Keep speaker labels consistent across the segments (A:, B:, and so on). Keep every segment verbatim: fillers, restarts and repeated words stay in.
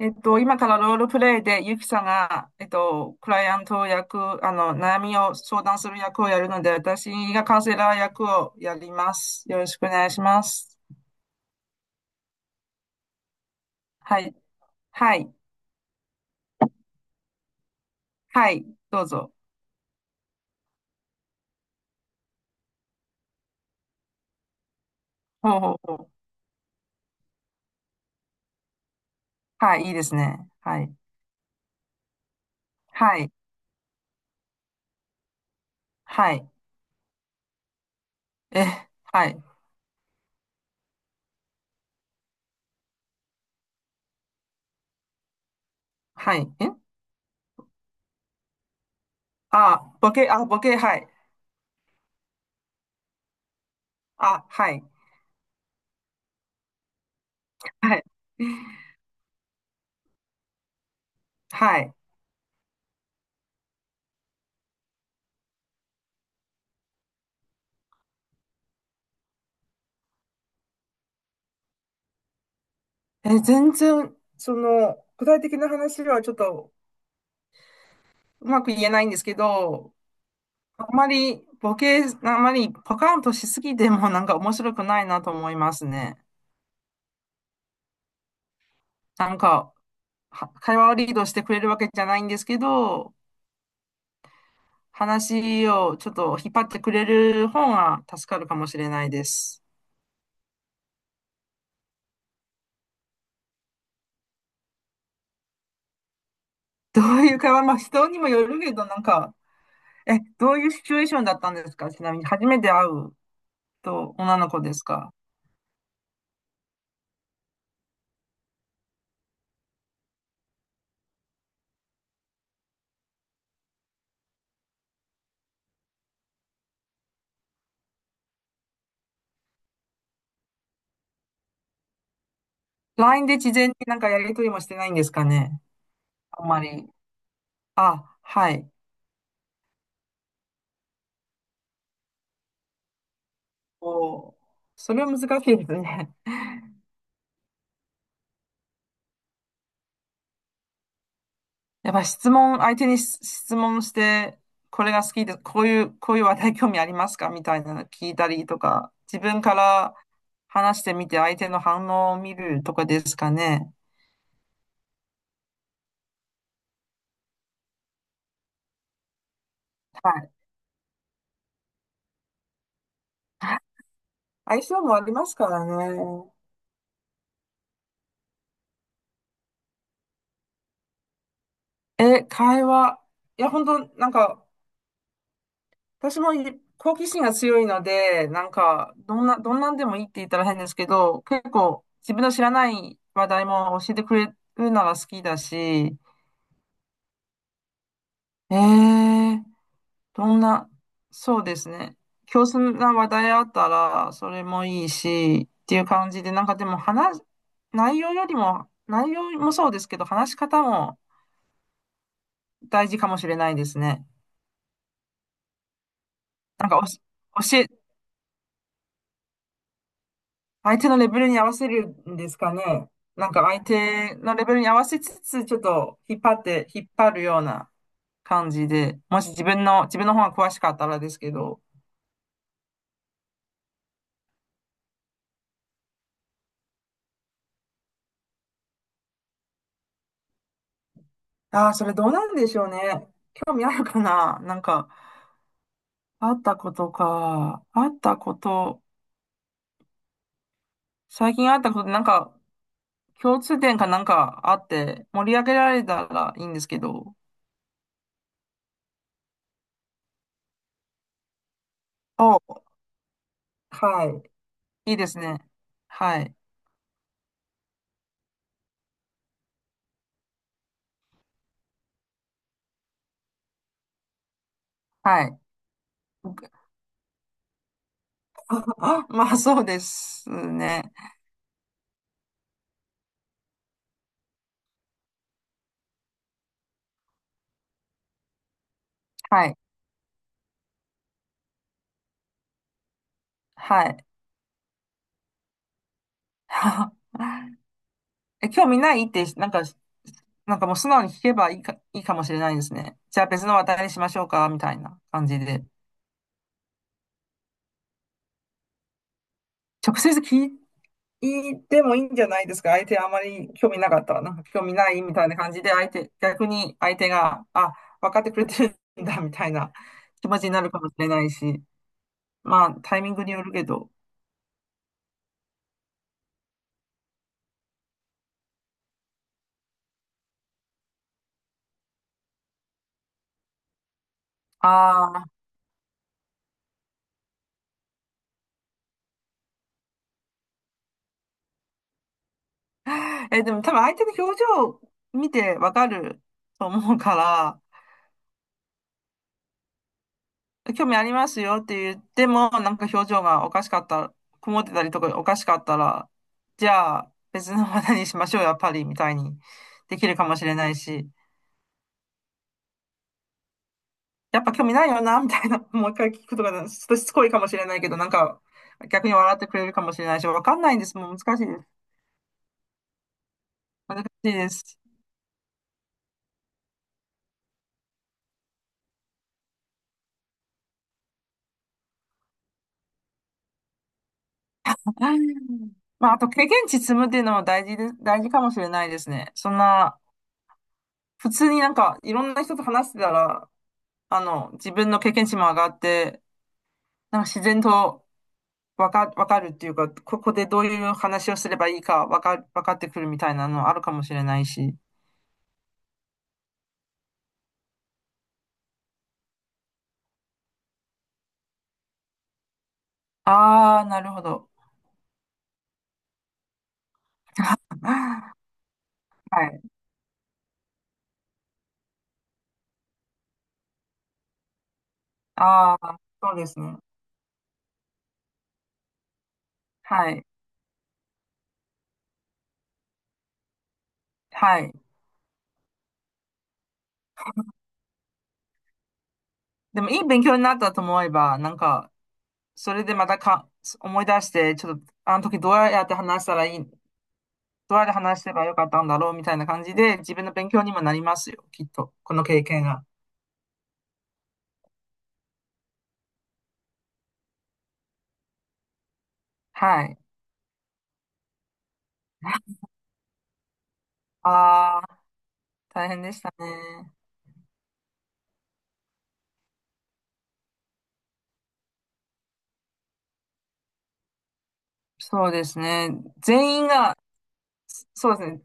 A: えっと、今からロールプレイで、ゆきさんが、えっと、クライアント役、あの、悩みを相談する役をやるので、私がカウンセラー役をやります。よろしくお願いします。はい。はい。はい。どうぞ。ほうほうほう。はい。いいですね。はい。はい。はい。え、はい。はい。えあ、ボケ、あ、ボケ、はい。あ、はい。はい。はい。え、全然、その、具体的な話はちょっとうまく言えないんですけど、あまり、ボケ、あまりパカンとしすぎてもなんか面白くないなと思いますね。なんか、は会話をリードしてくれるわけじゃないんですけど、話をちょっと引っ張ってくれる方が助かるかもしれないです。どういう会話、まあ人にもよるけど、なんか、え、どういうシチュエーションだったんですかちなみに、初めて会うと女の子ですか？ ライン で事前になんかやりとりもしてないんですかね。あんまり。あ、はい。おー、それは難しいですね。やっぱ質問、相手にし質問して、これが好きで、こういう、こういう話題興味ありますかみたいなの聞いたりとか、自分から話してみて相手の反応を見るとかですかね。はい。相性もありますからね。え、会話。いや、本当なんか、私もい好奇心が強いので、なんか、どんな、どんなんでもいいって言ったら変ですけど、結構自分の知らない話題も教えてくれるなら好きだし、えー、どんな、そうですね。共通な話題あったら、それもいいし、っていう感じで、なんかでも話、内容よりも、内容もそうですけど、話し方も大事かもしれないですね。なんかおし、教え、相手のレベルに合わせるんですかね。なんか相手のレベルに合わせつつ、ちょっと引っ張って、引っ張るような感じで、もし自分の、自分の方が詳しかったらですけど。ああ、それどうなんでしょうね。興味あるかななんか、あったことか。あったこと、最近あったことなんか、共通点かなんかあって、盛り上げられたらいいんですけど。お、はい。いいですね。はい。はい。あ、まあそうですね。はい。はい。え、興味ないって、なんか、なんかもう素直に聞けばいいか、いいかもしれないですね。じゃあ別の話題にしましょうか、みたいな感じで。直接聞いてもいいんじゃないですか。相手あまり興味なかったら、なんか興味ないみたいな感じで、相手、逆に相手が、あ、分かってくれてるんだ、みたいな気持ちになるかもしれないし。まあ、タイミングによるけど。ああ。え、でも多分相手の表情見てわかると思うから、興味ありますよって言っても、なんか表情がおかしかったら、曇ってたりとかおかしかったら、じゃあ別の話題にしましょう、やっぱり、みたいにできるかもしれないし、やっぱ興味ないよな、みたいな、もう一回聞くとか、ちょっとしつこいかもしれないけど、なんか逆に笑ってくれるかもしれないし、わかんないんです。もう難しいです。難しいです。まあ、あと経験値積むっていうのも大事で、大事かもしれないですね。そんな、普通になんかいろんな人と話してたら、あの、自分の経験値も上がって、なんか自然とわか、わかるっていうか、ここでどういう話をすればいいかわか、わかってくるみたいなのあるかもしれないし。ああ、なるほど。はい。ああ、そうですね。はい。はい。でもいい勉強になったと思えば、なんか、それでまたか、思い出して、ちょっと、あの時どうやって話したらいい、どうやって話せばよかったんだろうみたいな感じで、自分の勉強にもなりますよ、きっと。この経験が。はい。ああ、大変でしたね。そうですね。全員が、そうですね。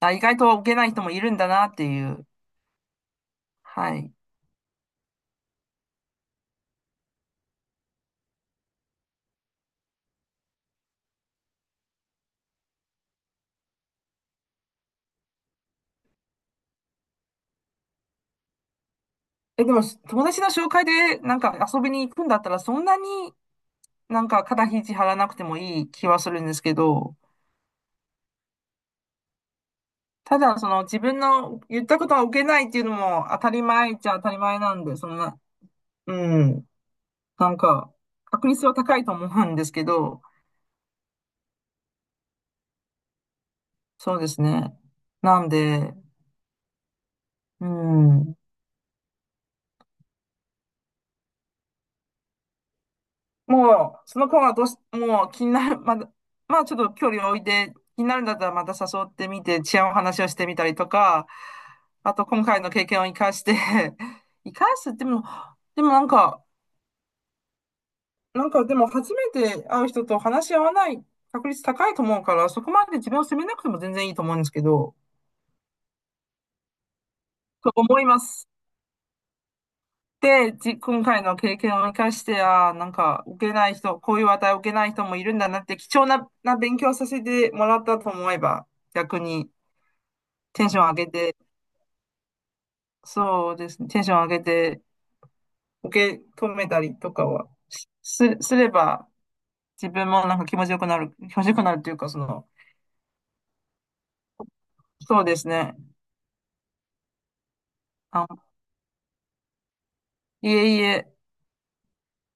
A: あ、意外と受けない人もいるんだなっていう。はい。え、でも、友達の紹介でなんか遊びに行くんだったら、そんなになんか肩肘張らなくてもいい気はするんですけど、ただ、その自分の言ったことは受けないっていうのも当たり前っちゃ当たり前なんで、そんな、うん、なんか、確率は高いと思うんですけど、そうですね。なんで、うん。もう、その子はどうし、もう気になる、まだ、まあちょっと距離を置いて、気になるんだったらまた誘ってみて、治安の話をしてみたりとか、あと今回の経験を生かして 生かすっても、でもなんか、なんかでも初めて会う人と話し合わない確率高いと思うから、そこまで自分を責めなくても全然いいと思うんですけど、と思います。で、じ、今回の経験を生かして、あーなんか、受けない人、こういう話題を受けない人もいるんだなって、貴重な、な勉強させてもらったと思えば、逆にテンション上げて、そうですね、テンション上げて、受け止めたりとかは、しす、すれば、自分もなんか気持ちよくなる、気持ちよくなるというか、その、そうですね。あ、いえいえ。